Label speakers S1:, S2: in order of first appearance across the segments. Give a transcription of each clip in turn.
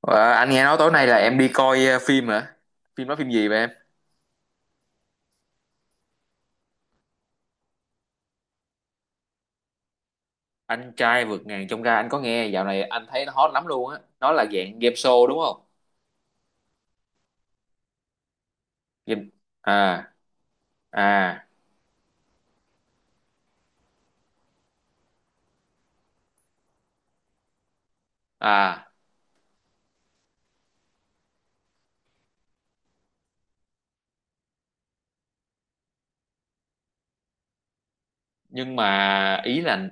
S1: Ờ, anh nghe nói tối nay là em đi coi phim hả? Phim đó phim gì vậy em? Anh trai vượt ngàn chông gai anh có nghe, dạo này anh thấy nó hot lắm luôn á. Nó là dạng game show đúng không? Game. À, à, à, nhưng mà ý là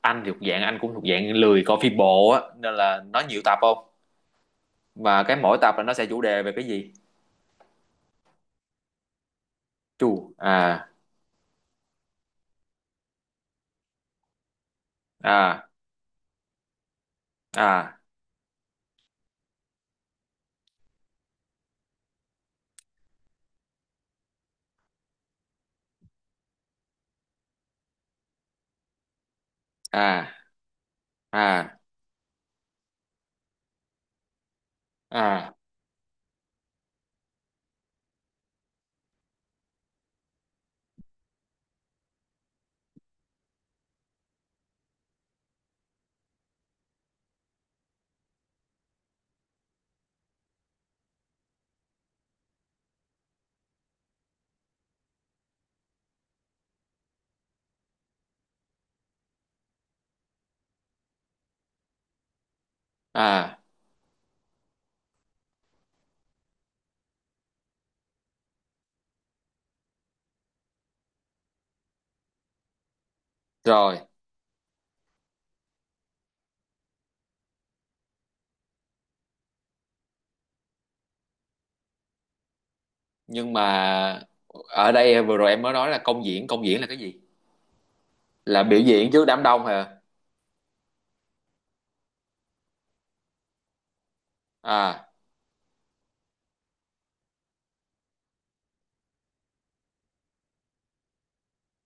S1: anh thuộc dạng, anh cũng thuộc dạng lười coi phim bộ á, nên là nó nhiều tập không? Và cái mỗi tập là nó sẽ chủ đề về cái gì? Chu, à, à, à, à, à, à, à rồi. Nhưng mà ở đây vừa rồi em mới nói là công diễn, công diễn là cái gì? Là biểu diễn trước đám đông hả? À,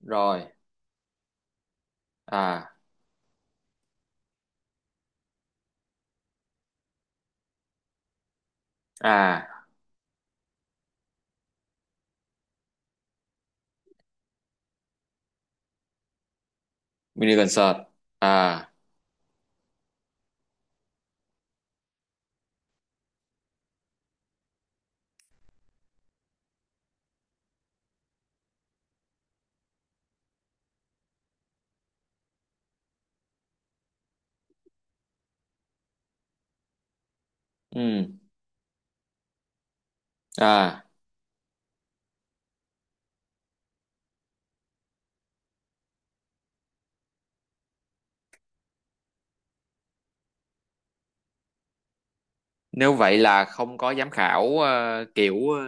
S1: rồi. À, à, mini concert. À, ừ. À, nếu vậy là không có giám khảo kiểu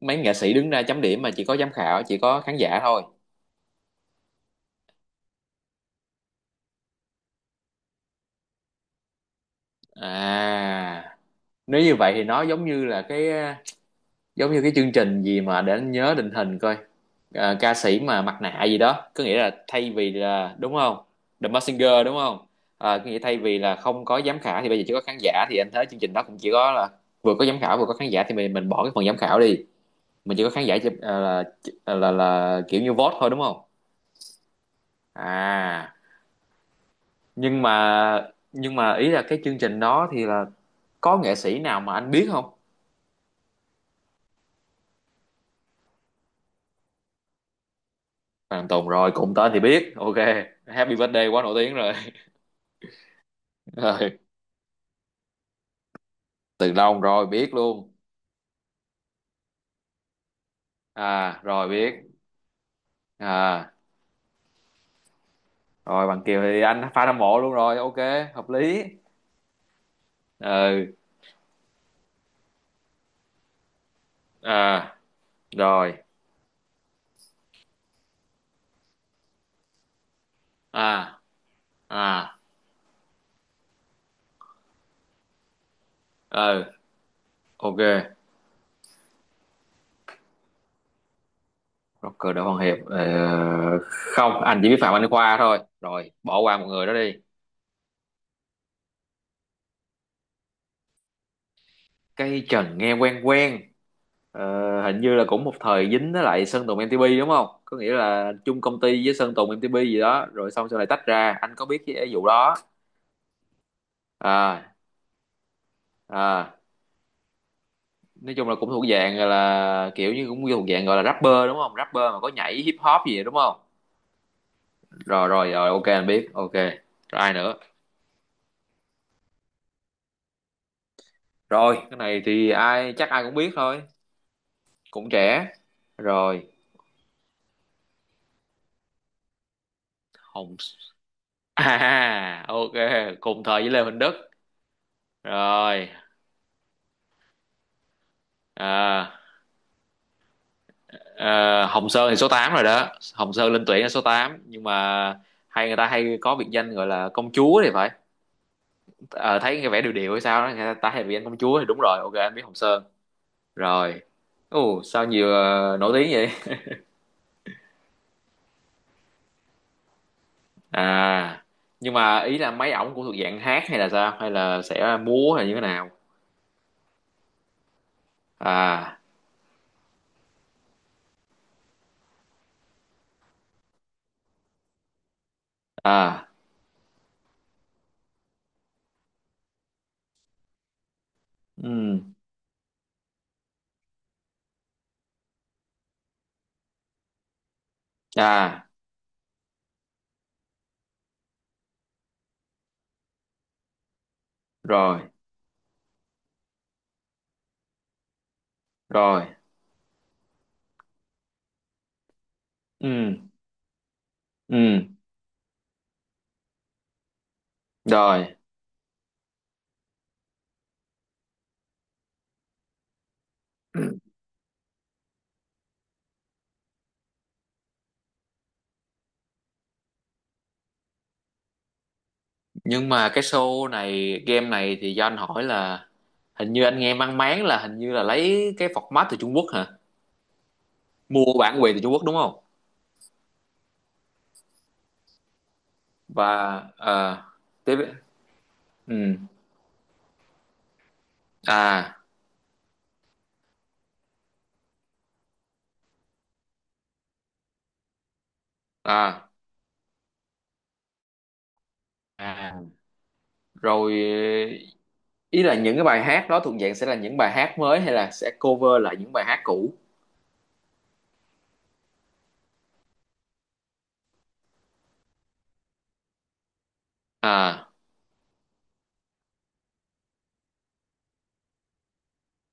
S1: mấy nghệ sĩ đứng ra chấm điểm, mà chỉ có giám khảo, chỉ có khán giả thôi? À, nếu như vậy thì nó giống như là cái giống như cái chương trình gì mà để anh nhớ định hình coi. Ca sĩ mà mặt nạ gì đó, có nghĩa là thay vì là đúng không? The Masked Singer đúng không? Có nghĩa thay vì là không có giám khảo thì bây giờ chỉ có khán giả. Thì anh thấy chương trình đó cũng chỉ có là vừa có giám khảo vừa có khán giả thì mình bỏ cái phần giám khảo đi, mình chỉ có khán giả là kiểu như vote thôi đúng không? À, nhưng mà ý là cái chương trình đó thì là có nghệ sĩ nào mà anh biết không? Phan Tùng, rồi cùng tên thì biết, ok. Happy Birthday quá nổi tiếng rồi. Từ lâu rồi biết luôn. À, rồi biết. À, rồi Bằng Kiều thì anh fan hâm mộ luôn rồi, ok, hợp lý. Ừ. À, rồi. À, à, ừ, ok. Rocker Đỗ Hoàng Hiệp không, anh chỉ biết Phạm Anh Khoa thôi, rồi bỏ qua một người đó đi. Cây Trần nghe quen quen. Hình như là cũng một thời dính với lại Sơn Tùng MTP đúng không? Có nghĩa là chung công ty với Sơn Tùng MTP gì đó, rồi xong sau này tách ra, anh có biết cái vụ đó? À, à, nói chung là cũng thuộc dạng gọi là kiểu như, cũng thuộc dạng gọi là rapper đúng không? Rapper mà có nhảy hip hop gì vậy, đúng không? Rồi, rồi, rồi, ok anh biết. Ok rồi. Ai nữa? Rồi cái này thì ai, chắc ai cũng biết thôi. Cũng trẻ. Rồi Hồng à, ok. Cùng thời với Lê Huỳnh Đức. Rồi à, à, Hồng Sơn thì số 8 rồi đó. Hồng Sơn lên tuyển là số 8, nhưng mà hay, người ta hay có biệt danh gọi là công chúa thì phải. Ờ, Thấy cái vẻ điều điều hay sao đó, người ta hay biệt danh công chúa thì đúng rồi, ok anh biết Hồng Sơn rồi. Ồ, sao nhiều nổi tiếng vậy. À, nhưng mà ý là mấy ổng cũng thuộc dạng hát hay, là sao? Hay là sẽ múa hay như thế nào? À, à, ừ, à, rồi, rồi, ừ, ừ, rồi. Nhưng mà cái show này, game này, thì do anh hỏi là hình như anh nghe mang máng là hình như là lấy cái format từ Trung Quốc hả? Mua bản quyền từ Trung Quốc đúng không? Và ờ tiếp. Ừ, à, à, à, rồi. Ý là những cái bài hát đó thuộc dạng sẽ là những bài hát mới hay là sẽ cover lại những bài hát cũ? À,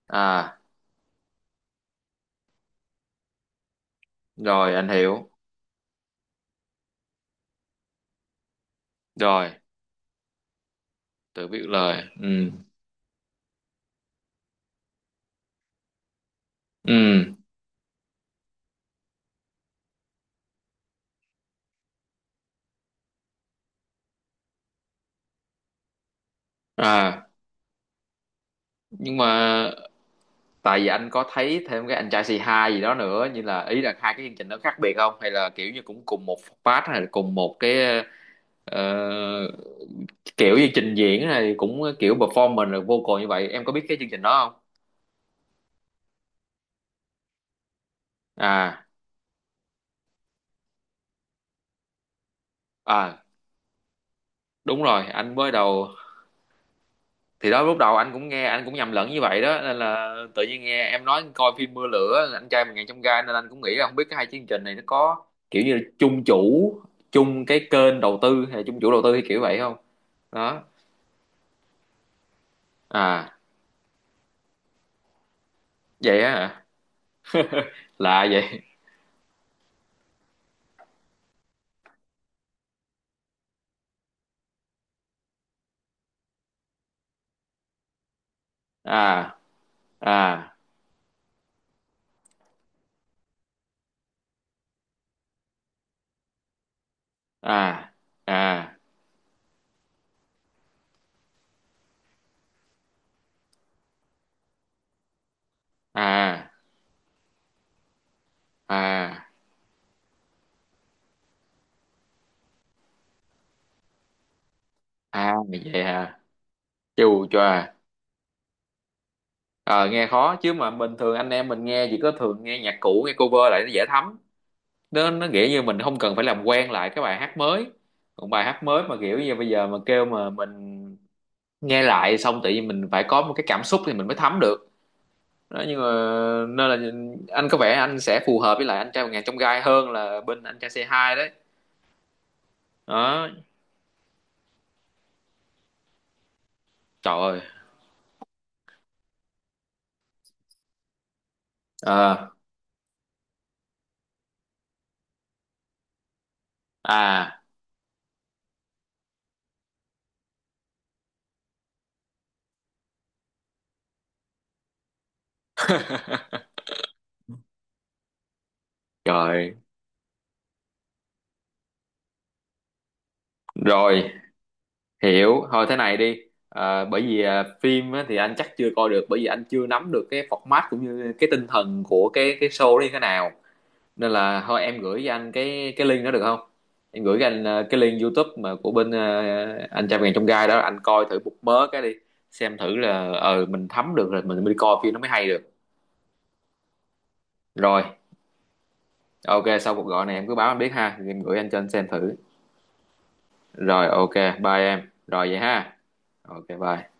S1: à, rồi anh hiểu. Rồi tự viết lời. Ừ, ừ, à. Nhưng mà tại vì anh có thấy thêm cái anh trai C2 gì đó nữa, như là ý là hai cái chương trình nó khác biệt không, hay là kiểu như cũng cùng một phát, hay là cùng một cái ờ, kiểu như trình diễn này cũng kiểu performance rồi vocal như vậy, em có biết cái chương trình đó không? À, à, đúng rồi. Anh mới đầu thì đó, lúc đầu anh cũng nghe, anh cũng nhầm lẫn như vậy đó, nên là tự nhiên nghe em nói coi phim Mưa Lửa, anh trai một ngàn chông gai, nên anh cũng nghĩ là không biết cái hai chương trình này nó có kiểu như là chung chủ, chung cái kênh đầu tư, hay là chung chủ đầu tư hay kiểu vậy không. Đó. À, vậy á hả? Lạ vậy. À, à, à, à, à, à, à, vậy hả? Chù choà. Ờ Nghe khó chứ, mà bình thường anh em mình nghe chỉ có thường nghe nhạc cũ, nghe cover lại nó dễ thấm. Nó nghĩa như mình không cần phải làm quen lại cái bài hát mới. Còn bài hát mới mà kiểu như bây giờ mà kêu mà mình nghe lại xong tự nhiên mình phải có một cái cảm xúc thì mình mới thấm được đó. Nhưng mà nên là anh có vẻ anh sẽ phù hợp với lại anh trai một ngàn trong gai hơn là bên anh trai C2 đấy. Đó. Trời ơi. Ờ, À, trời rồi hiểu. Thôi thế này đi. Bởi vì à, phim á, thì anh chắc chưa coi được, bởi vì anh chưa nắm được cái format cũng như cái tinh thần của cái show đó như thế nào. Nên là thôi em gửi cho anh cái link đó được không? Em gửi cho anh cái link YouTube mà của bên anh trăm ngàn trong gai đó, anh coi thử một mớ cái đi, xem thử là mình thấm được rồi mình mới đi coi phim nó mới hay được. Rồi, ok, sau cuộc gọi này em cứ báo anh biết ha, em gửi anh cho anh xem thử. Rồi, ok, bye em rồi vậy ha. Ok, bye.